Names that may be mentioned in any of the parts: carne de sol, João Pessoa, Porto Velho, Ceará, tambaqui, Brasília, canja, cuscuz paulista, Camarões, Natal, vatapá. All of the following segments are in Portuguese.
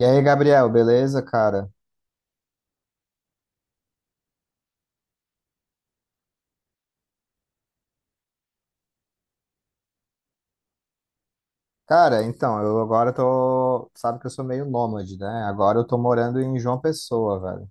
E aí, Gabriel, beleza, cara? Cara, então, eu agora tô. Sabe que eu sou meio nômade, né? Agora eu tô morando em João Pessoa, velho.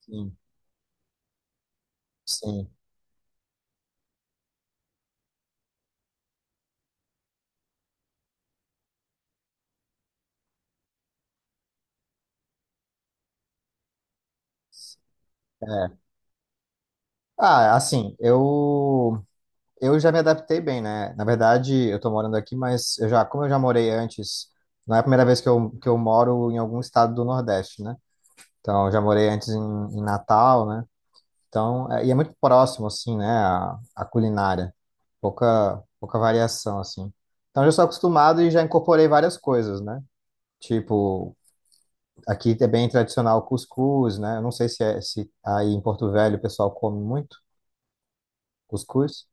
Sim, sim. É. Ah, assim, eu. Já me adaptei bem, né? Na verdade, eu tô morando aqui, mas eu já, como eu já morei antes, não é a primeira vez que eu moro em algum estado do Nordeste, né? Então, eu já morei antes em, em Natal, né? Então, e é muito próximo, assim, né, a culinária. Pouca variação, assim. Então, eu já sou acostumado e já incorporei várias coisas, né? Tipo, aqui é bem tradicional o cuscuz, né? Eu não sei se, é, se aí em Porto Velho o pessoal come muito cuscuz.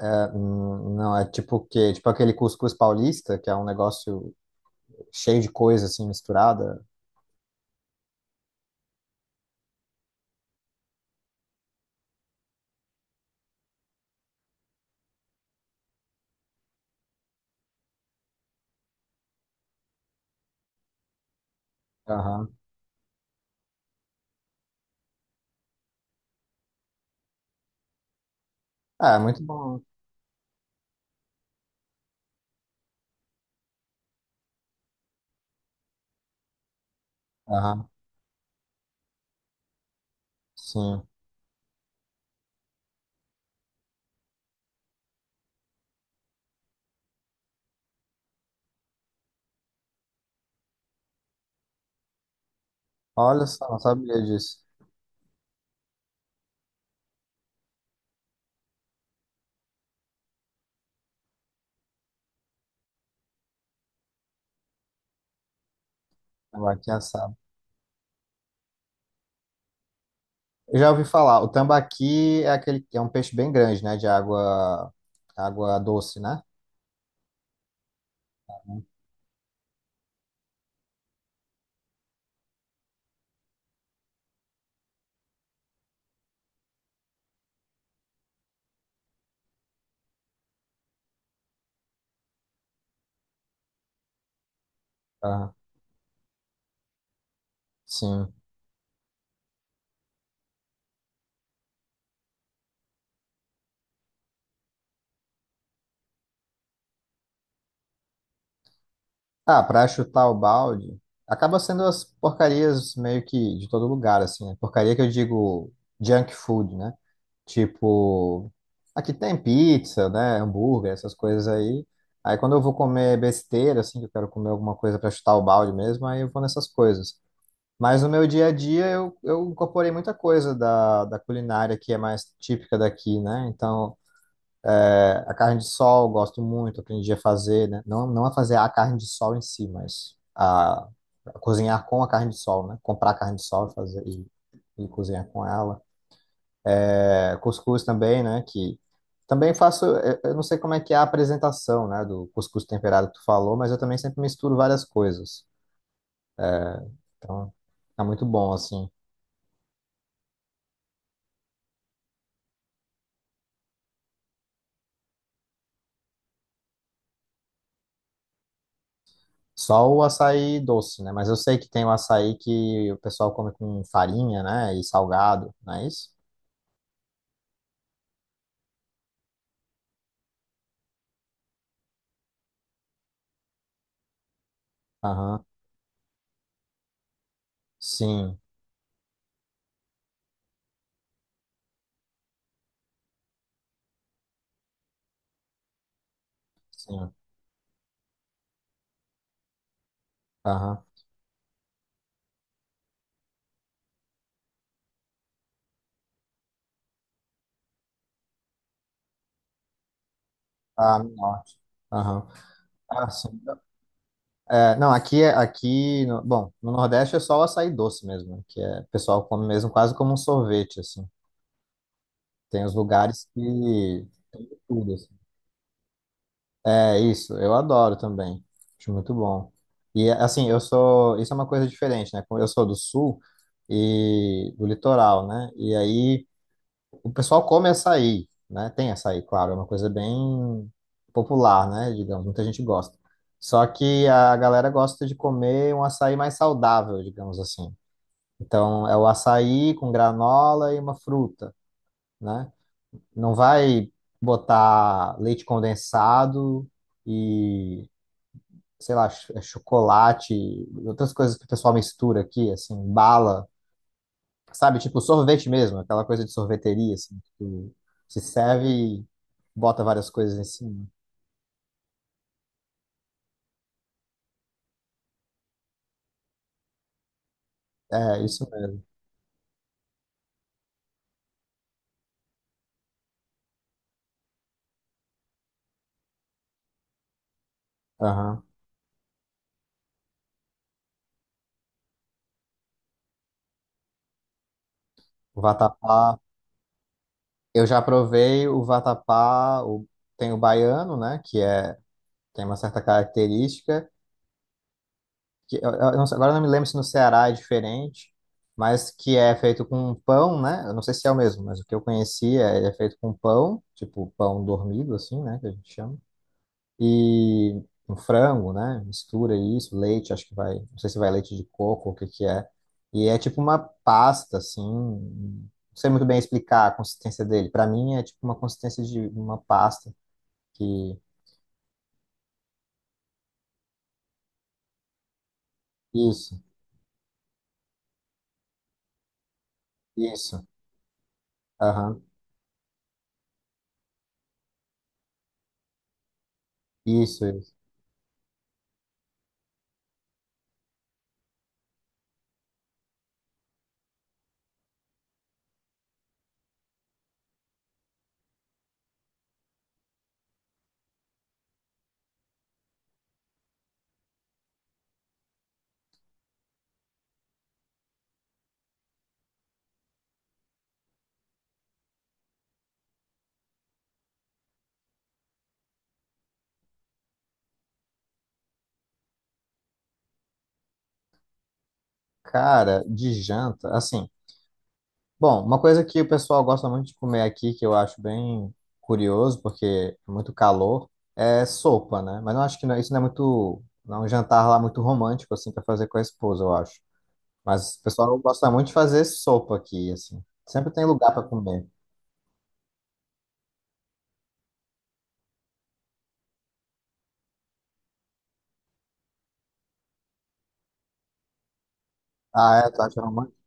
É, hum, não, é tipo o quê? Tipo aquele cuscuz paulista, que é um negócio cheio de coisa, assim, misturada. Aham. Ah, é, muito bom. Aham, sim. Olha só, não sabia disso. Aqui assado. Eu já ouvi falar, o tambaqui é aquele que é um peixe bem grande, né? De água, água doce, né? Ah, sim. Ah, pra chutar o balde, acaba sendo as porcarias meio que de todo lugar, assim, né? Porcaria que eu digo junk food, né? Tipo, aqui tem pizza, né? Hambúrguer, essas coisas aí. Aí quando eu vou comer besteira, assim, que eu quero comer alguma coisa pra chutar o balde mesmo, aí eu vou nessas coisas. Mas no meu dia a dia eu incorporei muita coisa da, da culinária que é mais típica daqui, né? Então, é, a carne de sol eu gosto muito, aprendi a fazer, né? Não, não a fazer a carne de sol em si, mas a cozinhar com a carne de sol, né? Comprar a carne de sol e fazer e cozinhar com ela. É, cuscuz também, né? Que também faço, eu não sei como é que é a apresentação, né, do cuscuz temperado que tu falou, mas eu também sempre misturo várias coisas. Então, tá muito bom assim. Só o açaí doce, né? Mas eu sei que tem o açaí que o pessoal come com farinha, né? E salgado, não é isso? Aham. Sim, sim. Aham. Ah, no norte. Aham. Ah, sim. É, não, aqui, é- aqui no, bom, no Nordeste é só o açaí doce mesmo, né? que é, o pessoal come mesmo quase como um sorvete, assim. Tem os lugares que tem de tudo, assim. É isso, eu adoro também. Acho muito bom. E assim, eu sou. Isso é uma coisa diferente, né? Como eu sou do sul e do litoral, né? E aí o pessoal come açaí, né? Tem açaí, claro, é uma coisa bem popular, né? Digamos, muita gente gosta. Só que a galera gosta de comer um açaí mais saudável, digamos assim. Então é o açaí com granola e uma fruta, né? Não vai botar leite condensado e sei lá, é chocolate, outras coisas que o pessoal mistura aqui, assim, bala, sabe? Tipo sorvete mesmo, aquela coisa de sorveteria, assim, que tu se serve e bota várias coisas em cima. É, isso mesmo. Aham. O vatapá. Eu já provei o vatapá, o, tem o baiano, né, que é, tem uma certa característica, que eu não sei, agora eu não me lembro se no Ceará é diferente, mas que é feito com pão, né? Eu não sei se é o mesmo, mas o que eu conhecia, ele é feito com pão, tipo pão dormido, assim, né? Que a gente chama. E um frango, né? Mistura isso, leite, acho que vai, não sei se vai leite de coco ou o que que é. E é tipo uma pasta, assim, não sei muito bem explicar a consistência dele. Para mim é tipo uma consistência de uma pasta que... Isso, isso, aham, isso, isso. Cara, de janta, assim, bom, uma coisa que o pessoal gosta muito de comer aqui, que eu acho bem curioso, porque é muito calor, é sopa, né? Mas eu acho que isso não é muito, não é um jantar lá muito romântico, assim, para fazer com a esposa, eu acho. Mas o pessoal gosta muito de fazer sopa aqui, assim. Sempre tem lugar para comer. Ah, é, tu acha romântico?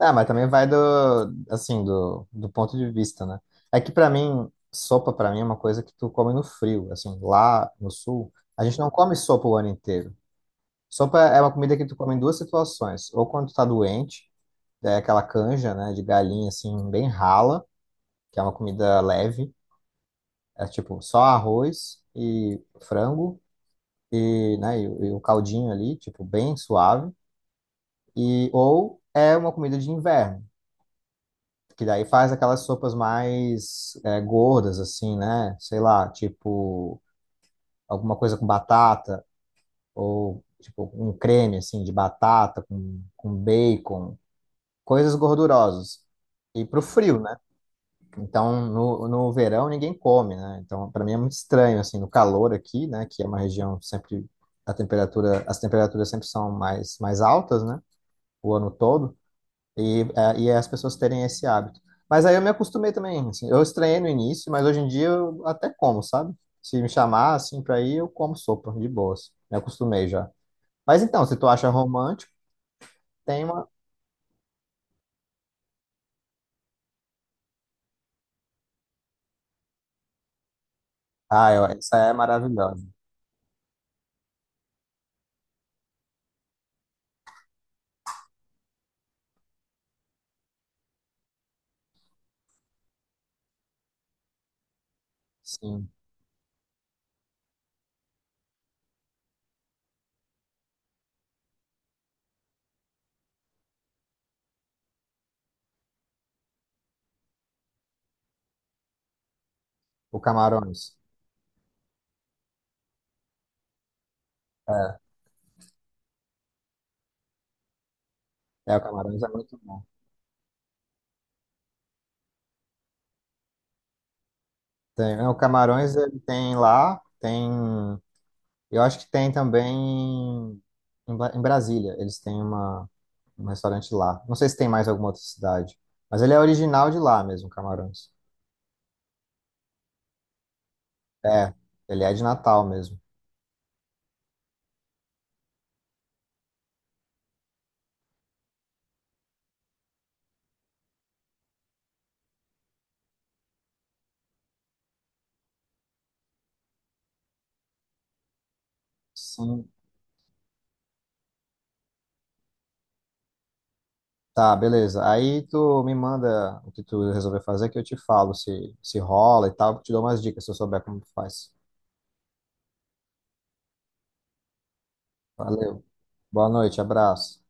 É, mas também vai do, assim, do, do ponto de vista, né? É que para mim, sopa para mim é uma coisa que tu come no frio, assim, lá no sul, a gente não come sopa o ano inteiro. Sopa é uma comida que tu come em duas situações. Ou quando tu tá doente, é aquela canja, né, de galinha, assim, bem rala, que é uma comida leve. É tipo só arroz e frango e, né, e um caldinho ali, tipo, bem suave. E, ou é uma comida de inverno, que daí faz aquelas sopas mais é, gordas, assim, né? Sei lá, tipo alguma coisa com batata ou, tipo, um creme, assim, de batata com bacon. Coisas gordurosas. E pro frio, né? Então, no, no verão ninguém come, né? Então, para mim é muito estranho, assim, no calor aqui, né? Que é uma região sempre a temperatura, as temperaturas sempre são mais, mais altas, né? O ano todo. E é as pessoas terem esse hábito. Mas aí eu me acostumei também, assim. Eu estranhei no início, mas hoje em dia eu até como, sabe? Se me chamar, assim, pra ir, eu como sopa, de boas. Me acostumei já. Mas então, se tu acha romântico, tem uma... Ah, essa é maravilhosa. Sim. O Camarões. É, é, o Camarões é muito bom. Tem, é, o Camarões ele tem lá, tem. Eu acho que tem também em, em Brasília. Eles têm uma, um restaurante lá. Não sei se tem mais alguma outra cidade. Mas ele é original de lá mesmo, Camarões. É, ele é de Natal mesmo. Sim. Tá, beleza. Aí tu me manda o que tu resolver fazer, que eu te falo se, se rola e tal. Te dou umas dicas se eu souber como tu faz. Valeu. Boa noite, abraço.